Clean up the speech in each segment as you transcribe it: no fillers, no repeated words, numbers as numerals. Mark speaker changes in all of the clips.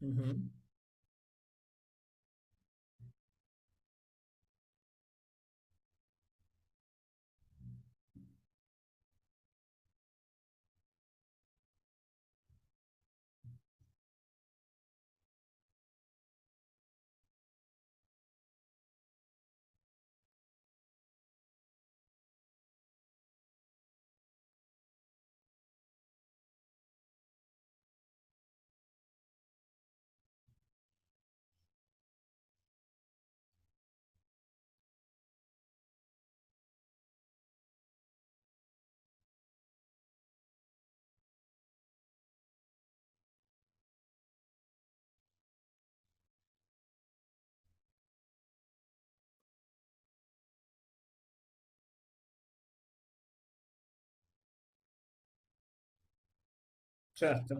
Speaker 1: Mhm. Certo.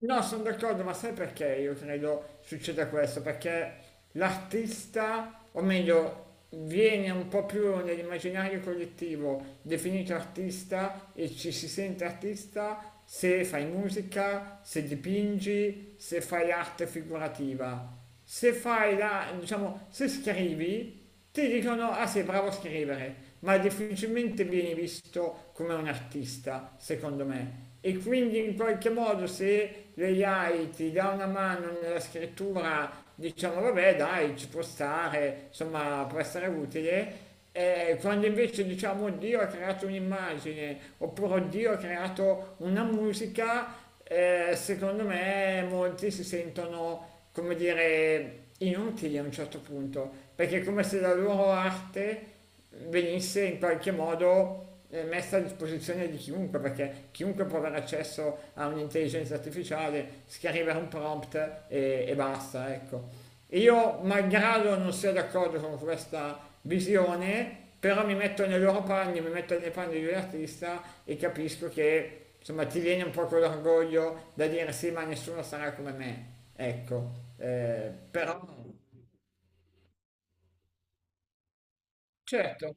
Speaker 1: No, sono d'accordo, ma sai perché io credo succeda questo? Perché l'artista, o meglio, viene un po' più nell'immaginario collettivo definito artista e ci si sente artista se fai musica, se dipingi, se fai arte figurativa. Se fai la, diciamo, se scrivi, ti dicono ah sei bravo a scrivere, ma difficilmente viene visto come un artista, secondo me. E quindi in qualche modo se l'AI ti dà una mano nella scrittura, diciamo vabbè dai, ci può stare, insomma può essere utile. Quando invece diciamo Dio ha creato un'immagine oppure Dio ha creato una musica, secondo me molti si sentono, come dire, inutili a un certo punto, perché è come se la loro arte venisse in qualche modo messa a disposizione di chiunque, perché chiunque può avere accesso a un'intelligenza artificiale, scrivere un prompt e basta, ecco. Io, malgrado non sia d'accordo con questa visione, però mi metto nei loro panni, mi metto nei panni di un artista e capisco che insomma ti viene un po' quell'orgoglio da dire sì, ma nessuno sarà come me. Ecco. Però certo,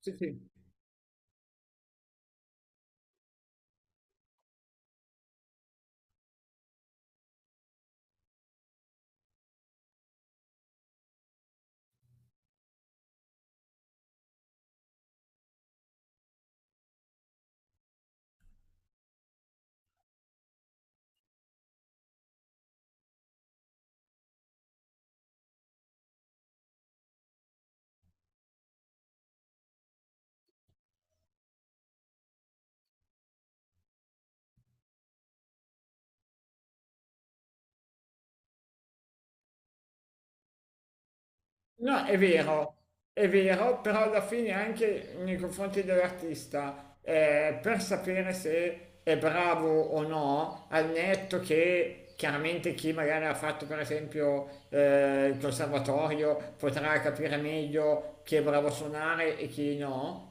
Speaker 1: sì, sì. No, è vero, però alla fine anche nei confronti dell'artista, per sapere se è bravo o no, al netto che chiaramente chi magari ha fatto per esempio il conservatorio potrà capire meglio chi è bravo a suonare e chi no.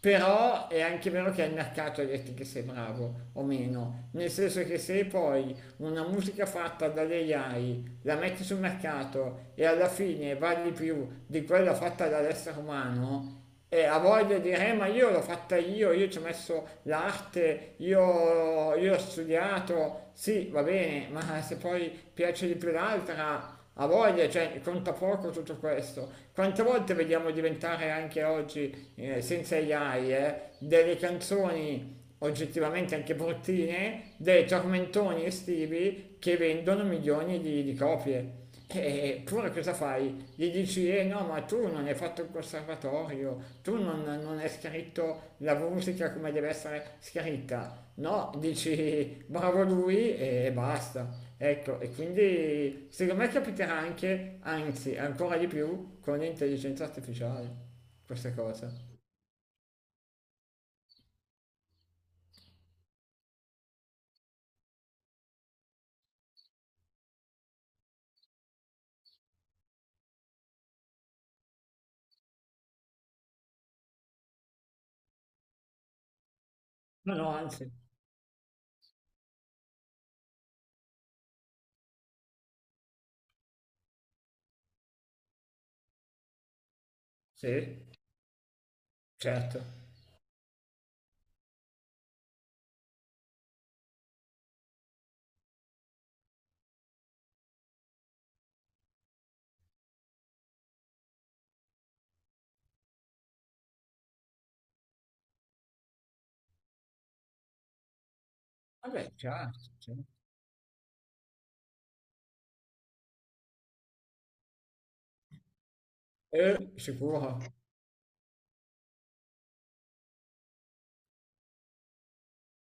Speaker 1: Però è anche vero che è il mercato a dirti che sei bravo o meno, nel senso che se poi una musica fatta dall'AI la metti sul mercato e alla fine vale di più di quella fatta dall'essere umano e ha voglia di dire ma io l'ho fatta io ci ho messo l'arte, io ho studiato, sì va bene, ma se poi piace di più l'altra ha voglia, cioè conta poco tutto questo. Quante volte vediamo diventare anche oggi, senza AI, delle canzoni oggettivamente anche bruttine dei tormentoni estivi che vendono milioni di copie. Eppure cosa fai? Gli dici, eh no, ma tu non hai fatto il conservatorio, tu non hai scritto la musica come deve essere scritta. No, dici, bravo lui e basta. Ecco, e quindi secondo me capiterà anche, anzi, ancora di più con l'intelligenza artificiale, questa cosa. Ma no, anzi, sì, certo. Vabbè, certo, certo. Sicuro?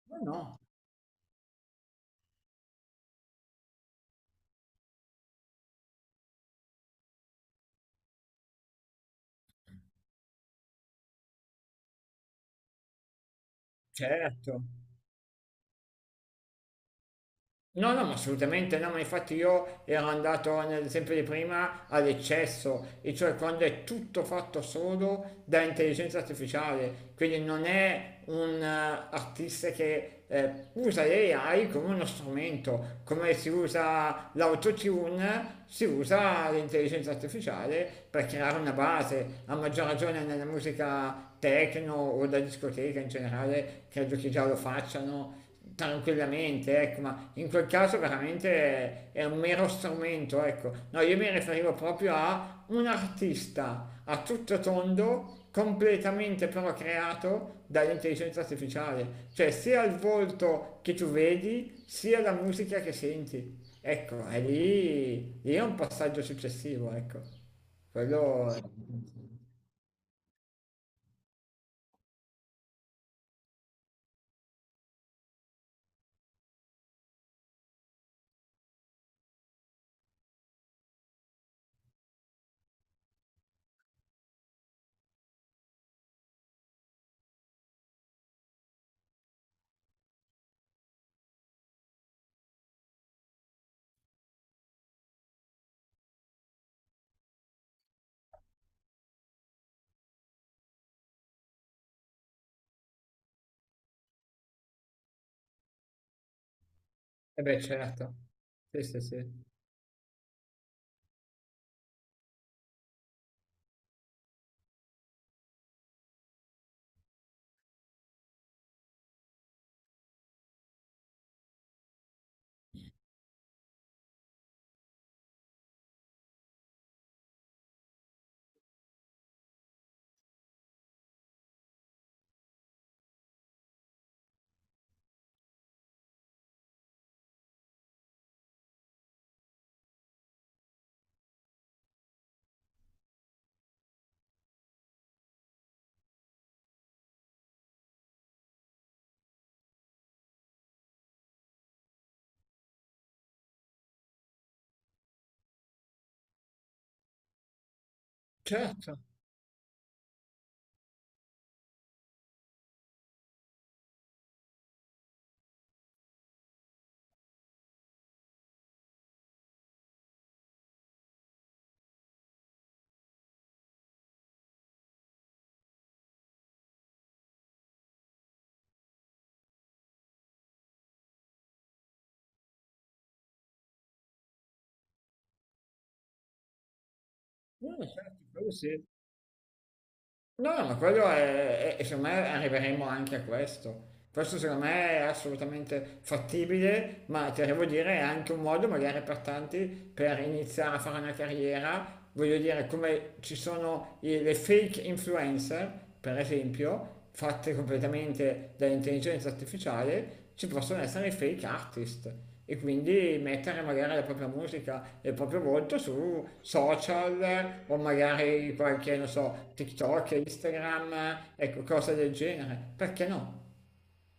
Speaker 1: Ma no, certo. No, no, ma assolutamente no, ma infatti io ero andato nell'esempio di prima all'eccesso, e cioè quando è tutto fatto solo da intelligenza artificiale, quindi non è un artista che usa l'AI come uno strumento, come si usa l'autotune, si usa l'intelligenza artificiale per creare una base, a maggior ragione nella musica techno o da discoteca in generale, credo che già lo facciano tranquillamente, ecco, ma in quel caso veramente è un mero strumento, ecco. No, io mi riferivo proprio a un artista a tutto tondo, completamente però creato dall'intelligenza artificiale, cioè sia il volto che tu vedi, sia la musica che senti. Ecco, è lì, lì è un passaggio successivo, ecco. Quello, eh beh, certo. Sì, sì, sì. Certo. No, certo, quello sì. No, no, ma quello è- e secondo me arriveremo anche a questo. Questo secondo me è assolutamente fattibile, ma ti devo dire è anche un modo magari per tanti per iniziare a fare una carriera. Voglio dire, come ci sono i- le fake influencer, per esempio, fatte completamente dall'intelligenza artificiale, ci possono essere i fake artist e quindi mettere magari la propria musica e il proprio volto su social o magari qualche, non so, TikTok, Instagram, ecco, cose del genere. Perché no?